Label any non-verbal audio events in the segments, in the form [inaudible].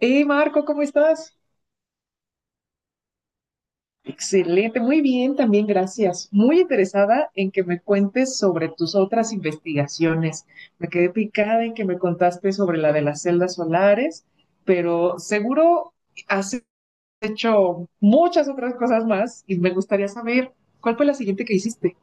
Hey Marco, ¿cómo estás? Excelente, muy bien, también gracias. Muy interesada en que me cuentes sobre tus otras investigaciones. Me quedé picada en que me contaste sobre la de las celdas solares, pero seguro has hecho muchas otras cosas más y me gustaría saber cuál fue la siguiente que hiciste.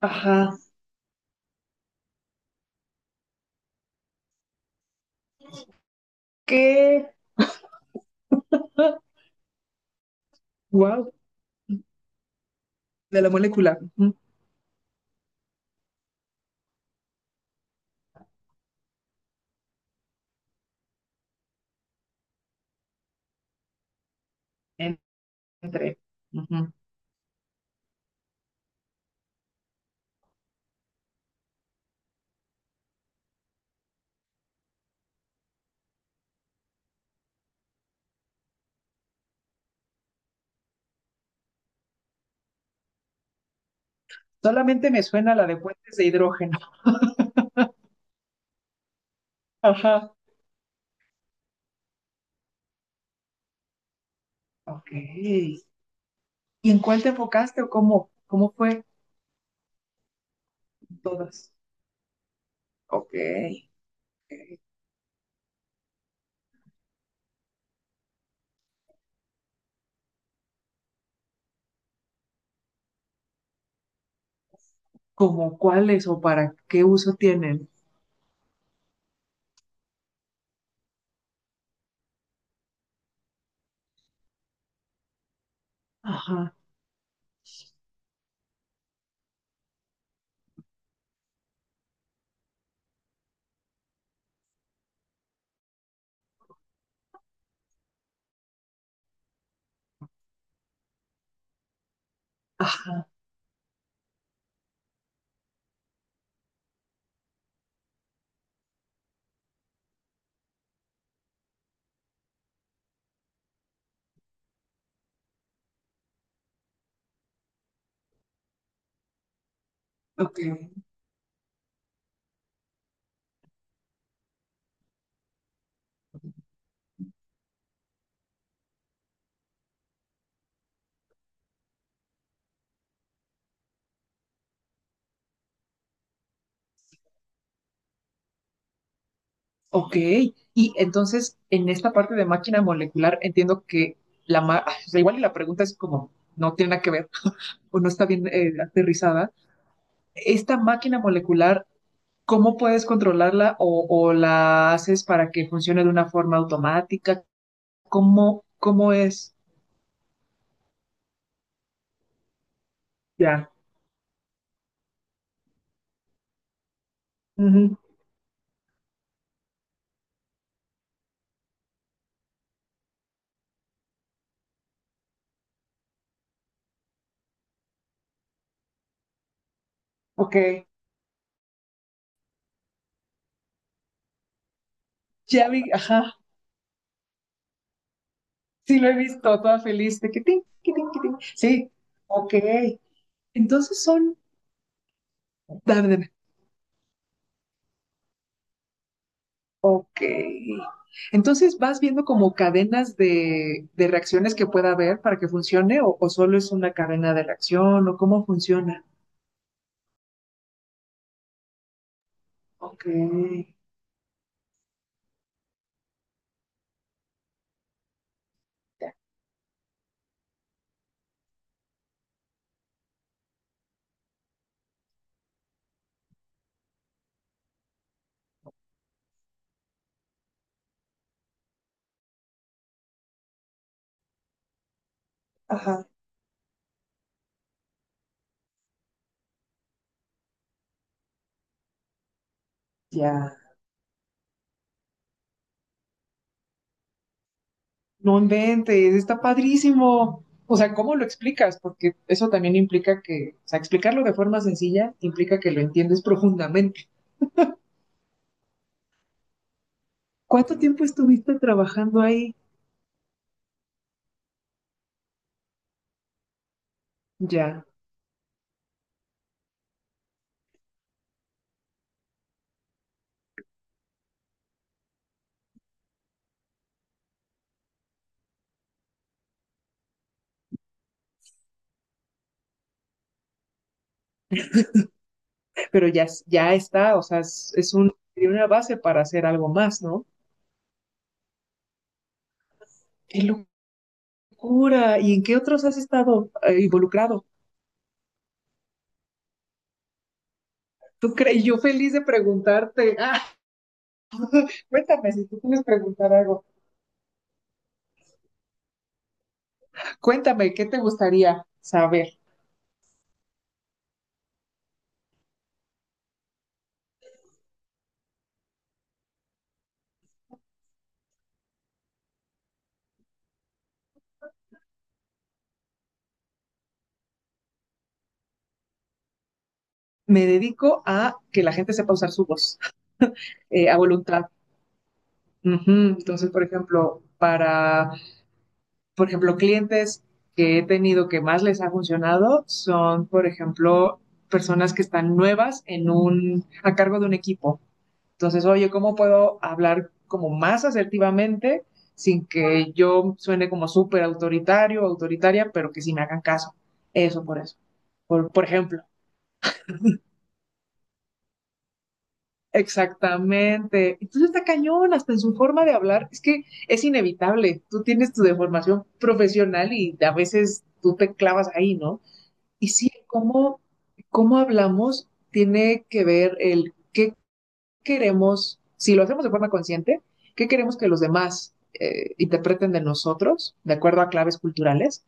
Ajá, qué wow, de la molécula. Ujú, en- Entre. Ujú. Solamente me suena la de puentes de hidrógeno. Ajá. Ok. ¿Y en cuál te enfocaste o cómo fue? Todas. Ok. ¿Cómo cuáles o para qué uso tienen? Ajá, ajá, ok, ok. Y entonces, en esta parte de máquina molecular, entiendo que [laughs] o sea, igual y la pregunta es como, no tiene nada que ver [laughs] o no está bien aterrizada. Esta máquina molecular, ¿cómo puedes controlarla o la haces para que funcione de una forma automática? ¿Cómo, cómo es? Ya. Ujú. Ok. Ya vi, ajá, sí lo he visto, toda feliz, de que tin, que tin, que tin. Sí, ok. Entonces son, dame, dame, ok. Entonces vas viendo como cadenas de reacciones que pueda haber para que funcione, o solo es una cadena de reacción o cómo funciona. Ok, ya, ajá, ya. No inventes, está padrísimo. O sea, ¿cómo lo explicas? Porque eso también implica que, o sea, explicarlo de forma sencilla implica que lo entiendes profundamente. ¿Cuánto tiempo estuviste trabajando ahí? Ya, pero ya, es, ya está, o sea, es, sería una base para hacer algo más, ¿no? ¡Qué locura! ¿Y en qué otros has estado involucrado? ¿Tú crees? [laughs] Yo feliz de preguntarte. Ah, cuéntame, si tú quieres preguntar algo, cuéntame, ¿qué te gustaría saber? Me dedico a que la gente sepa usar su voz, a voluntad. Ujú. Entonces, por ejemplo, para por ejemplo, clientes que he tenido que más les ha funcionado son, por ejemplo, personas que están nuevas en un, a cargo de un equipo. Entonces, oye, ¿cómo puedo hablar como más asertivamente sin que yo suene como súper autoritario o autoritaria, pero que sí me hagan caso? Eso por eso. Por ejemplo, exactamente. Entonces está cañón, hasta en su forma de hablar. Es que es inevitable. Tú tienes tu deformación profesional y a veces tú te clavas ahí, ¿no? Y sí, cómo hablamos tiene que ver el qué queremos, si lo hacemos de forma consciente, qué queremos que los demás interpreten de nosotros, de acuerdo a claves culturales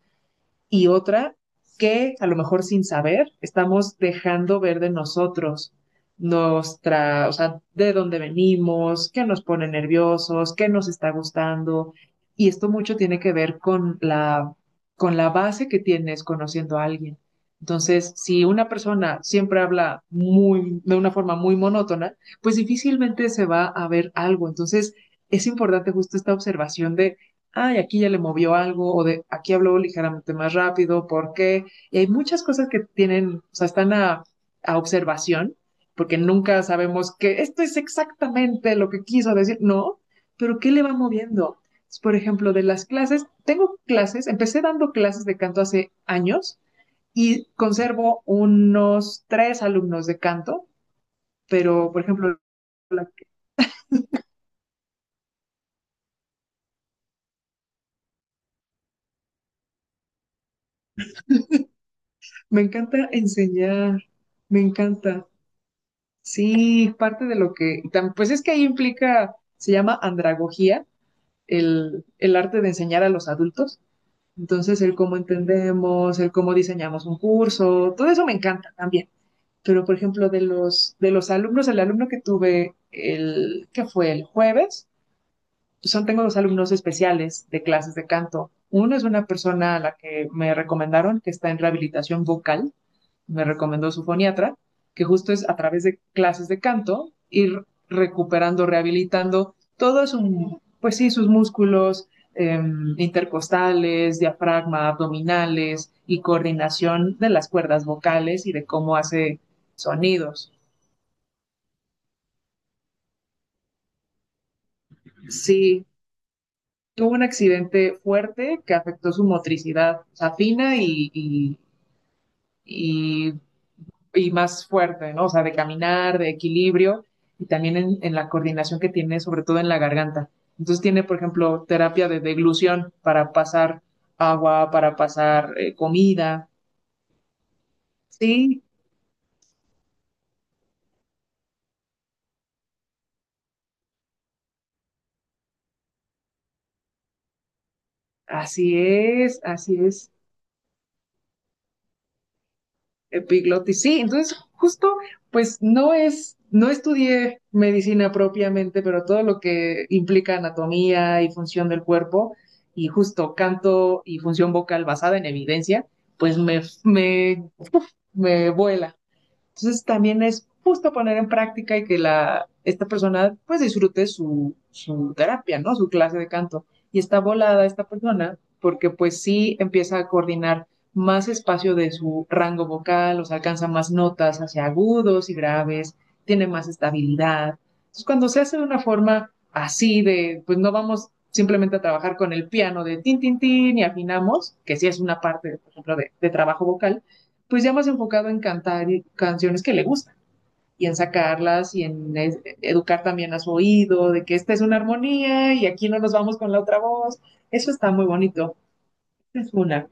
y otra que a lo mejor sin saber estamos dejando ver de nosotros nuestra, o sea, de dónde venimos, qué nos pone nerviosos, qué nos está gustando. Y esto mucho tiene que ver con con la base que tienes conociendo a alguien. Entonces, si una persona siempre habla muy, de una forma muy monótona, pues difícilmente se va a ver algo. Entonces, es importante justo esta observación de ay, aquí ya le movió algo, o de aquí habló ligeramente más rápido, ¿por qué? Y hay muchas cosas que tienen, o sea, están a observación, porque nunca sabemos que esto es exactamente lo que quiso decir, no, pero ¿qué le va moviendo? Por ejemplo, de las clases, tengo clases, empecé dando clases de canto hace años y conservo unos tres alumnos de canto, pero, por ejemplo, la- me encanta enseñar, me encanta. Sí, es parte de lo que, pues es que ahí implica, se llama andragogía, el arte de enseñar a los adultos. Entonces, el cómo entendemos, el cómo diseñamos un curso, todo eso me encanta también. Pero, por ejemplo, de de los alumnos, el alumno que tuve el, que fue el jueves, son, tengo dos alumnos especiales de clases de canto. Uno es una persona a la que me recomendaron que está en rehabilitación vocal, me recomendó su foniatra, que justo es a través de clases de canto ir recuperando, rehabilitando todo su, pues sí, sus músculos eh, intercostales, diafragma, abdominales y coordinación de las cuerdas vocales y de cómo hace sonidos. Sí, tuvo un accidente fuerte que afectó su motricidad, o sea, fina y y más fuerte, ¿no? O sea, de caminar, de equilibrio y también en la coordinación que tiene, sobre todo en la garganta. Entonces tiene, por ejemplo, terapia de deglución para pasar agua, para pasar comida. Sí, así es, así es. Epiglotis, sí. Entonces, justo, pues no es, no estudié medicina propiamente, pero todo lo que implica anatomía y función del cuerpo y justo canto y función vocal basada en evidencia, pues me me vuela. Entonces también es justo poner en práctica y que la, esta persona pues disfrute su, su terapia, ¿no? Su clase de canto. Y está volada esta persona porque pues sí empieza a coordinar más espacio de su rango vocal, o sea, alcanza más notas hacia agudos y graves, tiene más estabilidad. Entonces cuando se hace de una forma así de, pues no vamos simplemente a trabajar con el piano de tin, tin, tin y afinamos, que sí es una parte, por ejemplo, de trabajo vocal, pues ya más enfocado en cantar canciones que le gustan y en sacarlas y en educar también a su oído de que esta es una armonía y aquí no nos vamos con la otra voz. Eso está muy bonito. Esa es una.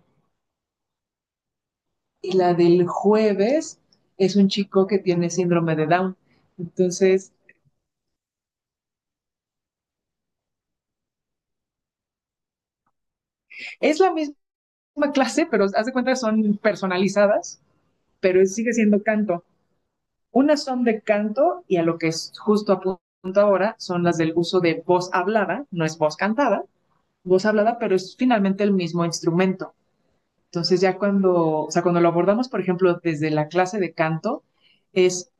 Y la del jueves es un chico que tiene síndrome de Down. Entonces, es la misma clase, pero haz de cuenta que son personalizadas, pero sigue siendo canto. Unas son de canto y a lo que es justo a punto ahora son las del uso de voz hablada, no es voz cantada, voz hablada, pero es finalmente el mismo instrumento. Entonces ya cuando, o sea, cuando lo abordamos, por ejemplo, desde la clase de canto, es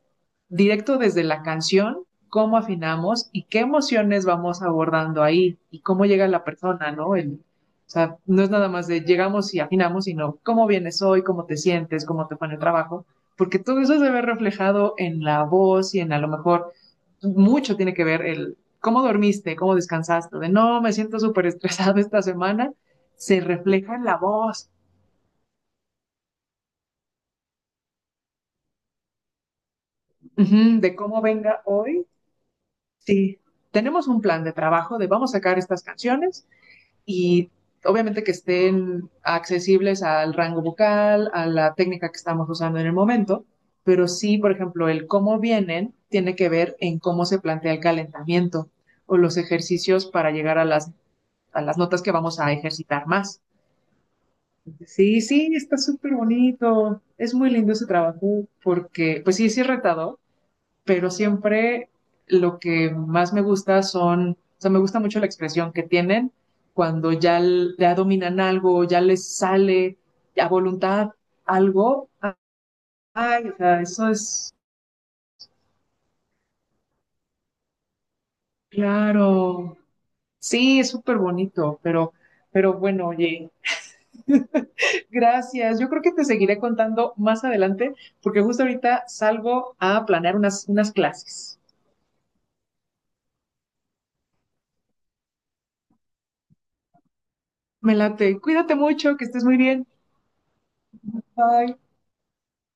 directo desde la canción, cómo afinamos y qué emociones vamos abordando ahí y cómo llega la persona, ¿no? El, o sea, no es nada más de llegamos y afinamos, sino cómo vienes hoy, cómo te sientes, cómo te fue en el trabajo, porque todo eso se ve reflejado en la voz y en a lo mejor mucho tiene que ver el cómo dormiste, cómo descansaste, de no, me siento súper estresado esta semana, se refleja en la voz uh -huh, de cómo venga hoy. Sí, tenemos un plan de trabajo de vamos a sacar estas canciones y obviamente que estén accesibles al rango vocal, a la técnica que estamos usando en el momento, pero sí, por ejemplo, el cómo vienen tiene que ver en cómo se plantea el calentamiento o los ejercicios para llegar a a las notas que vamos a ejercitar más. Sí, sí, está súper bonito. Es muy lindo ese trabajo porque, pues sí, sí es retador, pero siempre lo que más me gusta son, o sea, me gusta mucho la expresión que tienen cuando ya, ya dominan algo, ya les sale a voluntad algo. Ay, o sea, eso es claro. Sí, es súper bonito, pero bueno, oye, [laughs] gracias. Yo creo que te seguiré contando más adelante, porque justo ahorita salgo a planear unas clases. Me late. Cuídate mucho, que estés muy bien. Bye.